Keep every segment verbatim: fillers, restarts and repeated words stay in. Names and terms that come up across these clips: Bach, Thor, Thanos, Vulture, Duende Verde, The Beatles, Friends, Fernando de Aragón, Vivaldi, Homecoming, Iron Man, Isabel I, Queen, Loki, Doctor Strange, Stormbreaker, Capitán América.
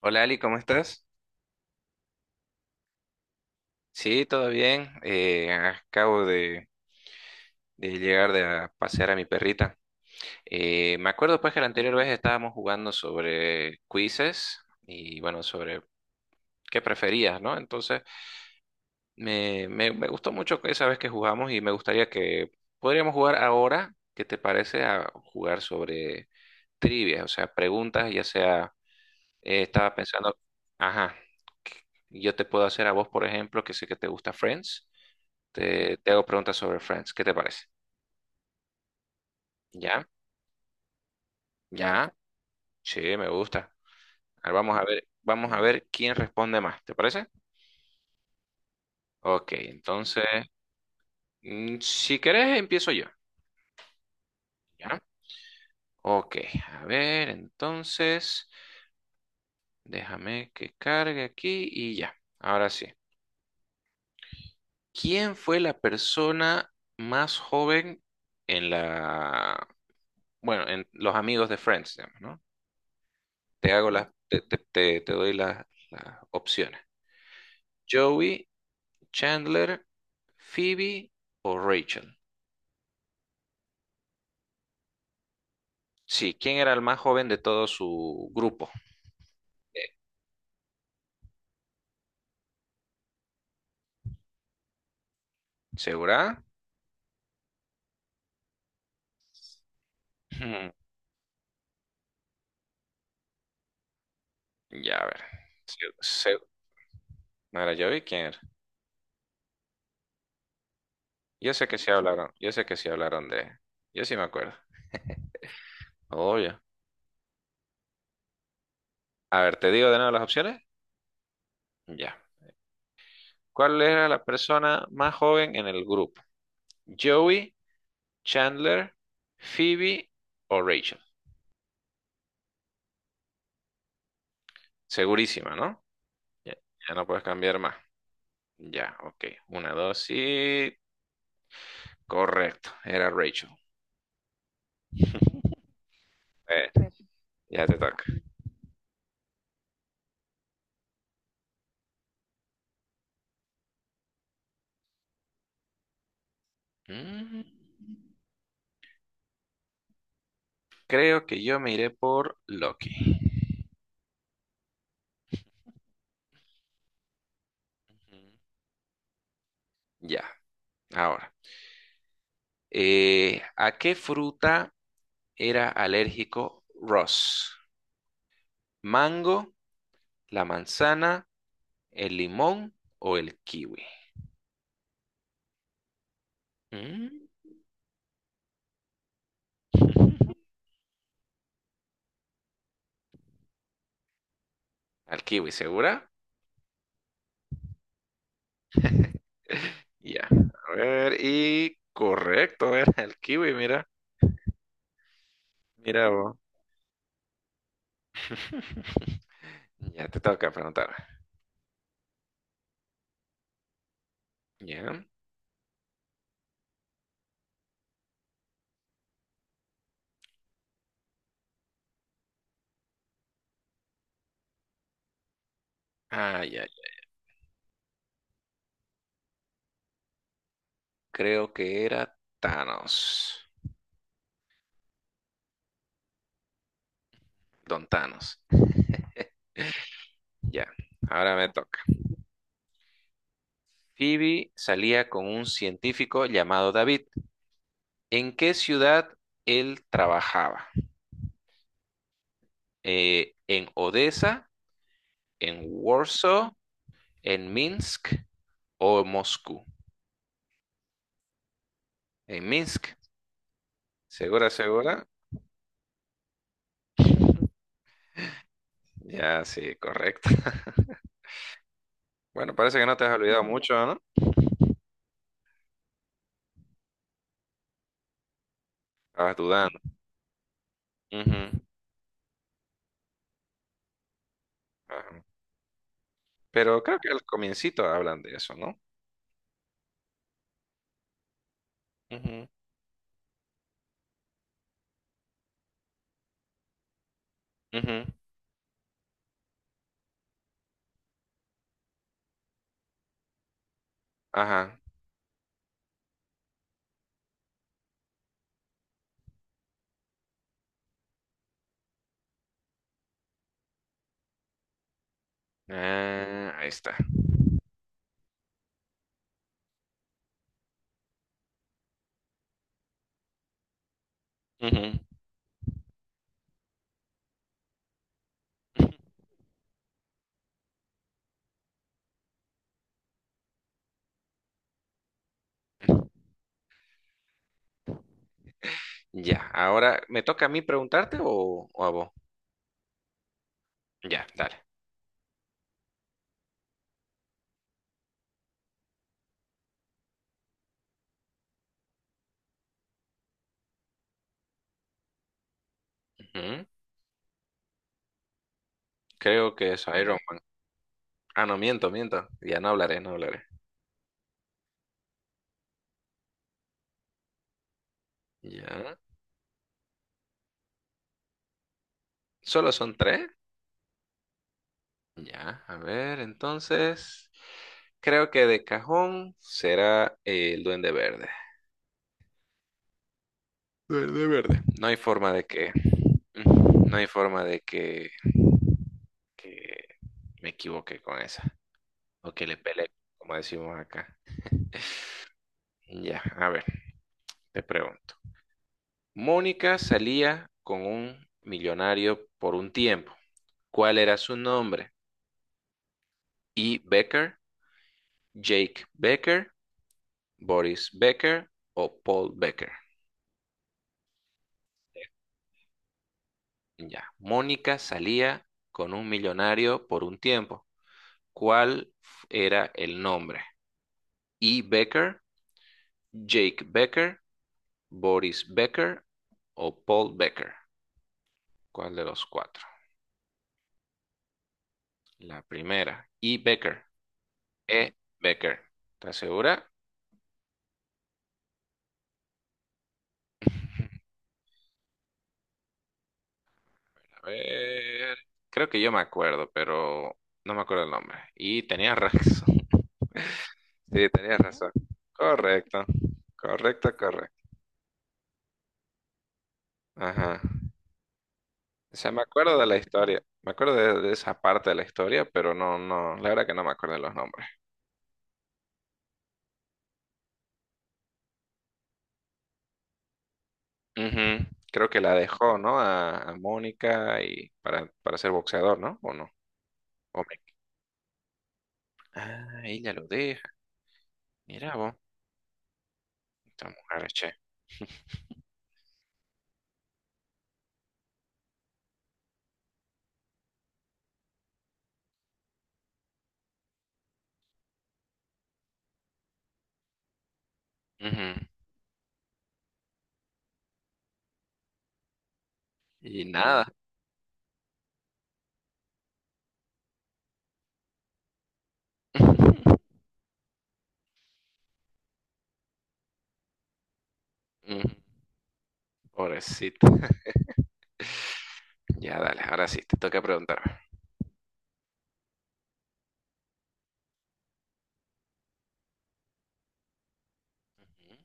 Hola Ali, ¿cómo estás? Sí, todo bien. Eh, acabo de, de llegar de a pasear a mi perrita. Eh, me acuerdo pues que la anterior vez estábamos jugando sobre quizzes y bueno, sobre qué preferías, ¿no? Entonces me, me, me gustó mucho esa vez que jugamos y me gustaría que podríamos jugar ahora, ¿qué te parece a jugar sobre trivia? O sea, preguntas, ya sea, eh, estaba pensando, ajá, yo te puedo hacer a vos, por ejemplo, que sé que te gusta Friends. Te, te hago preguntas sobre Friends. ¿Qué te parece? ¿Ya? ¿Ya? Sí, me gusta. Ahora vamos a ver, vamos a ver quién responde más. ¿Te parece? Ok, entonces, mm, si querés, empiezo yo. ¿Ya? Ok, a ver, entonces, déjame que cargue aquí y ya. Ahora sí. ¿Quién fue la persona más joven en la, bueno, en los amigos de Friends, digamos, ¿no? Te hago las, te, te- te- te doy las las opciones. Joey, Chandler, Phoebe o Rachel. Sí, ¿quién era el más joven de todo su grupo? Eh, ¿Segura? Hmm, ya, a ver. Se- se- Mira, yo vi quién era. Yo sé que sí hablaron, yo sé que sí hablaron de... Yo sí me acuerdo. Obvio. A ver, ¿te digo de nuevo las opciones? Ya. ¿Cuál era la persona más joven en el grupo? ¿Joey, Chandler, Phoebe o Rachel? Segurísima, ¿no? Ya, ya no puedes cambiar más. Ya, ok. Una, dos y... Correcto, era Rachel. Eh, ya te toca. Mm, creo que yo me iré por Loki. Ya, ahora. Eh, ¿a qué fruta era alérgico Ross? ¿Mango, la manzana, el limón o el kiwi? Mm, al kiwi, ¿segura? Ya, a ver, y correcto, era el kiwi, mira, mira vos. Ya te toca preguntar. Ya. Ay, ay, creo que era Thanos, Don Thanos. Ya, ahora me toca. Phoebe salía con un científico llamado David. ¿En qué ciudad él trabajaba? Eh, ¿en Odessa, en Warsaw, en Minsk o Moscú? En Minsk. ¿Segura, segura? Ya, sí, correcto. Bueno, parece que no te has olvidado mucho, ¿no? Estabas dudando. Ujú, ajá. Pero creo que al comiencito hablan de eso, ¿no? Ujú, ujú. Ajá. Ah, ahí está. Ujú. Ujú. Ya, ahora, ¿me toca a mí preguntarte o, o a vos? Ya, dale. Ujú. Creo que es Iron Man. Ah, no, miento, miento. Ya no hablaré, no hablaré. Ya. ¿Solo son tres? Ya, a ver, entonces. Creo que de cajón será el Duende Verde. Duende Verde. No hay forma de que. Ujú. No hay forma de que, que me equivoque con esa. O que le pele, como decimos acá. Ya, a ver, te pregunto. Mónica salía con un millonario por un tiempo. ¿Cuál era su nombre? ¿E. Becker, Jake Becker, Boris Becker o Paul Becker? Ya, Mónica salía con un millonario por un tiempo. ¿Cuál f- era el nombre? ¿E. Becker, Jake Becker, Boris Becker o Paul Becker? ¿Cuál de los cuatro? La primera, E. Becker. E. Becker. ¿Estás segura? A ver, creo que yo me acuerdo, pero no me acuerdo el nombre. Y tenías razón. Sí, tenías razón. Correcto, correcto, correcto. Ajá. O sea, me acuerdo de la historia. Me acuerdo de, de esa parte de la historia, pero no, no, la verdad que no me acuerdo de los nombres. Ujú. Creo que la dejó, ¿no? A, a Mónica y para, para ser boxeador, ¿no? ¿O no? O me- Ah, ella lo deja. Mira vos, esta mujer, che. Ujú. Y nada. Mm, pobrecito. Ya, dale, ahora sí, te toca preguntarme. Ujú.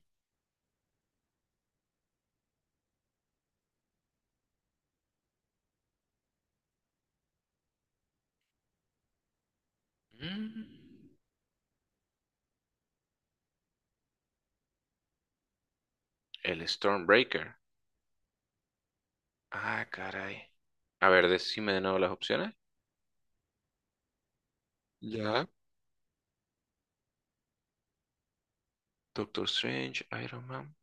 Mm, el Stormbreaker. Ah, caray. A ver, decime de nuevo las opciones. Ya. Doctor Strange, Iron Man,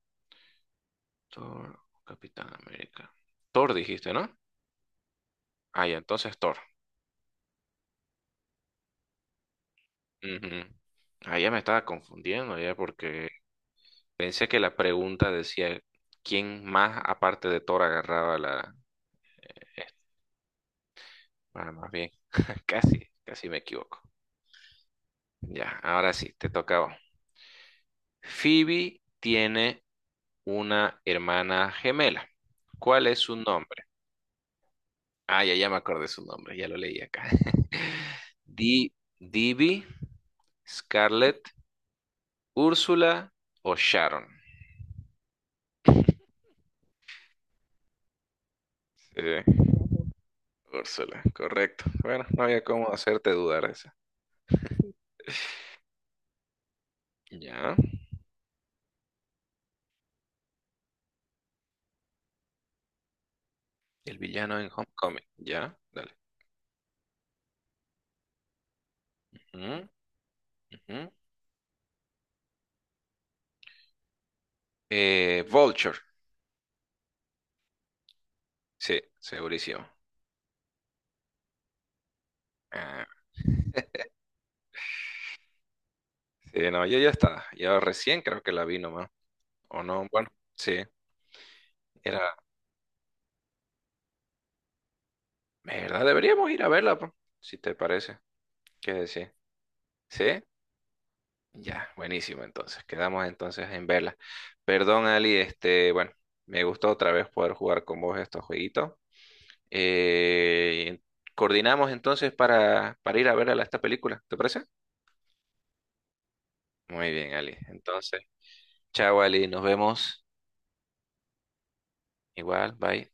Thor, Capitán América. Thor dijiste, ¿no? Ah, ya, entonces Thor. Ujú. Ah, ya me estaba confundiendo ya porque pensé que la pregunta decía quién más aparte de Thor agarraba la, ah, más bien. Casi, casi me equivoco. Ya, ahora sí, te tocaba. Phoebe tiene una hermana gemela. ¿Cuál es su nombre? Ah, ya, ya me acordé su nombre, ya lo leí acá. Di, Divi, Scarlett, Úrsula o Sharon. Sí, Úrsula, correcto. Bueno, no había cómo hacerte dudar esa. Ya. El villano en Homecoming. Ya, dale. Ujú, ujú. Eh, Vulture. Sí, segurísimo. Ah, sí, no, ya ya está. Ya recién creo que la vi nomás. ¿O no? Bueno, sí. Era. ¿Verdad? Deberíamos ir a verla, po, si te parece. ¿Qué decir? ¿Sí? Ya, buenísimo. Entonces, quedamos entonces en verla. Perdón, Ali, este, bueno, me gustó otra vez poder jugar con vos estos jueguitos. Eh, Coordinamos entonces para, para ir a ver esta película, ¿te parece? Muy bien, Ali. Entonces, chao, Ali, nos vemos. Igual, bye.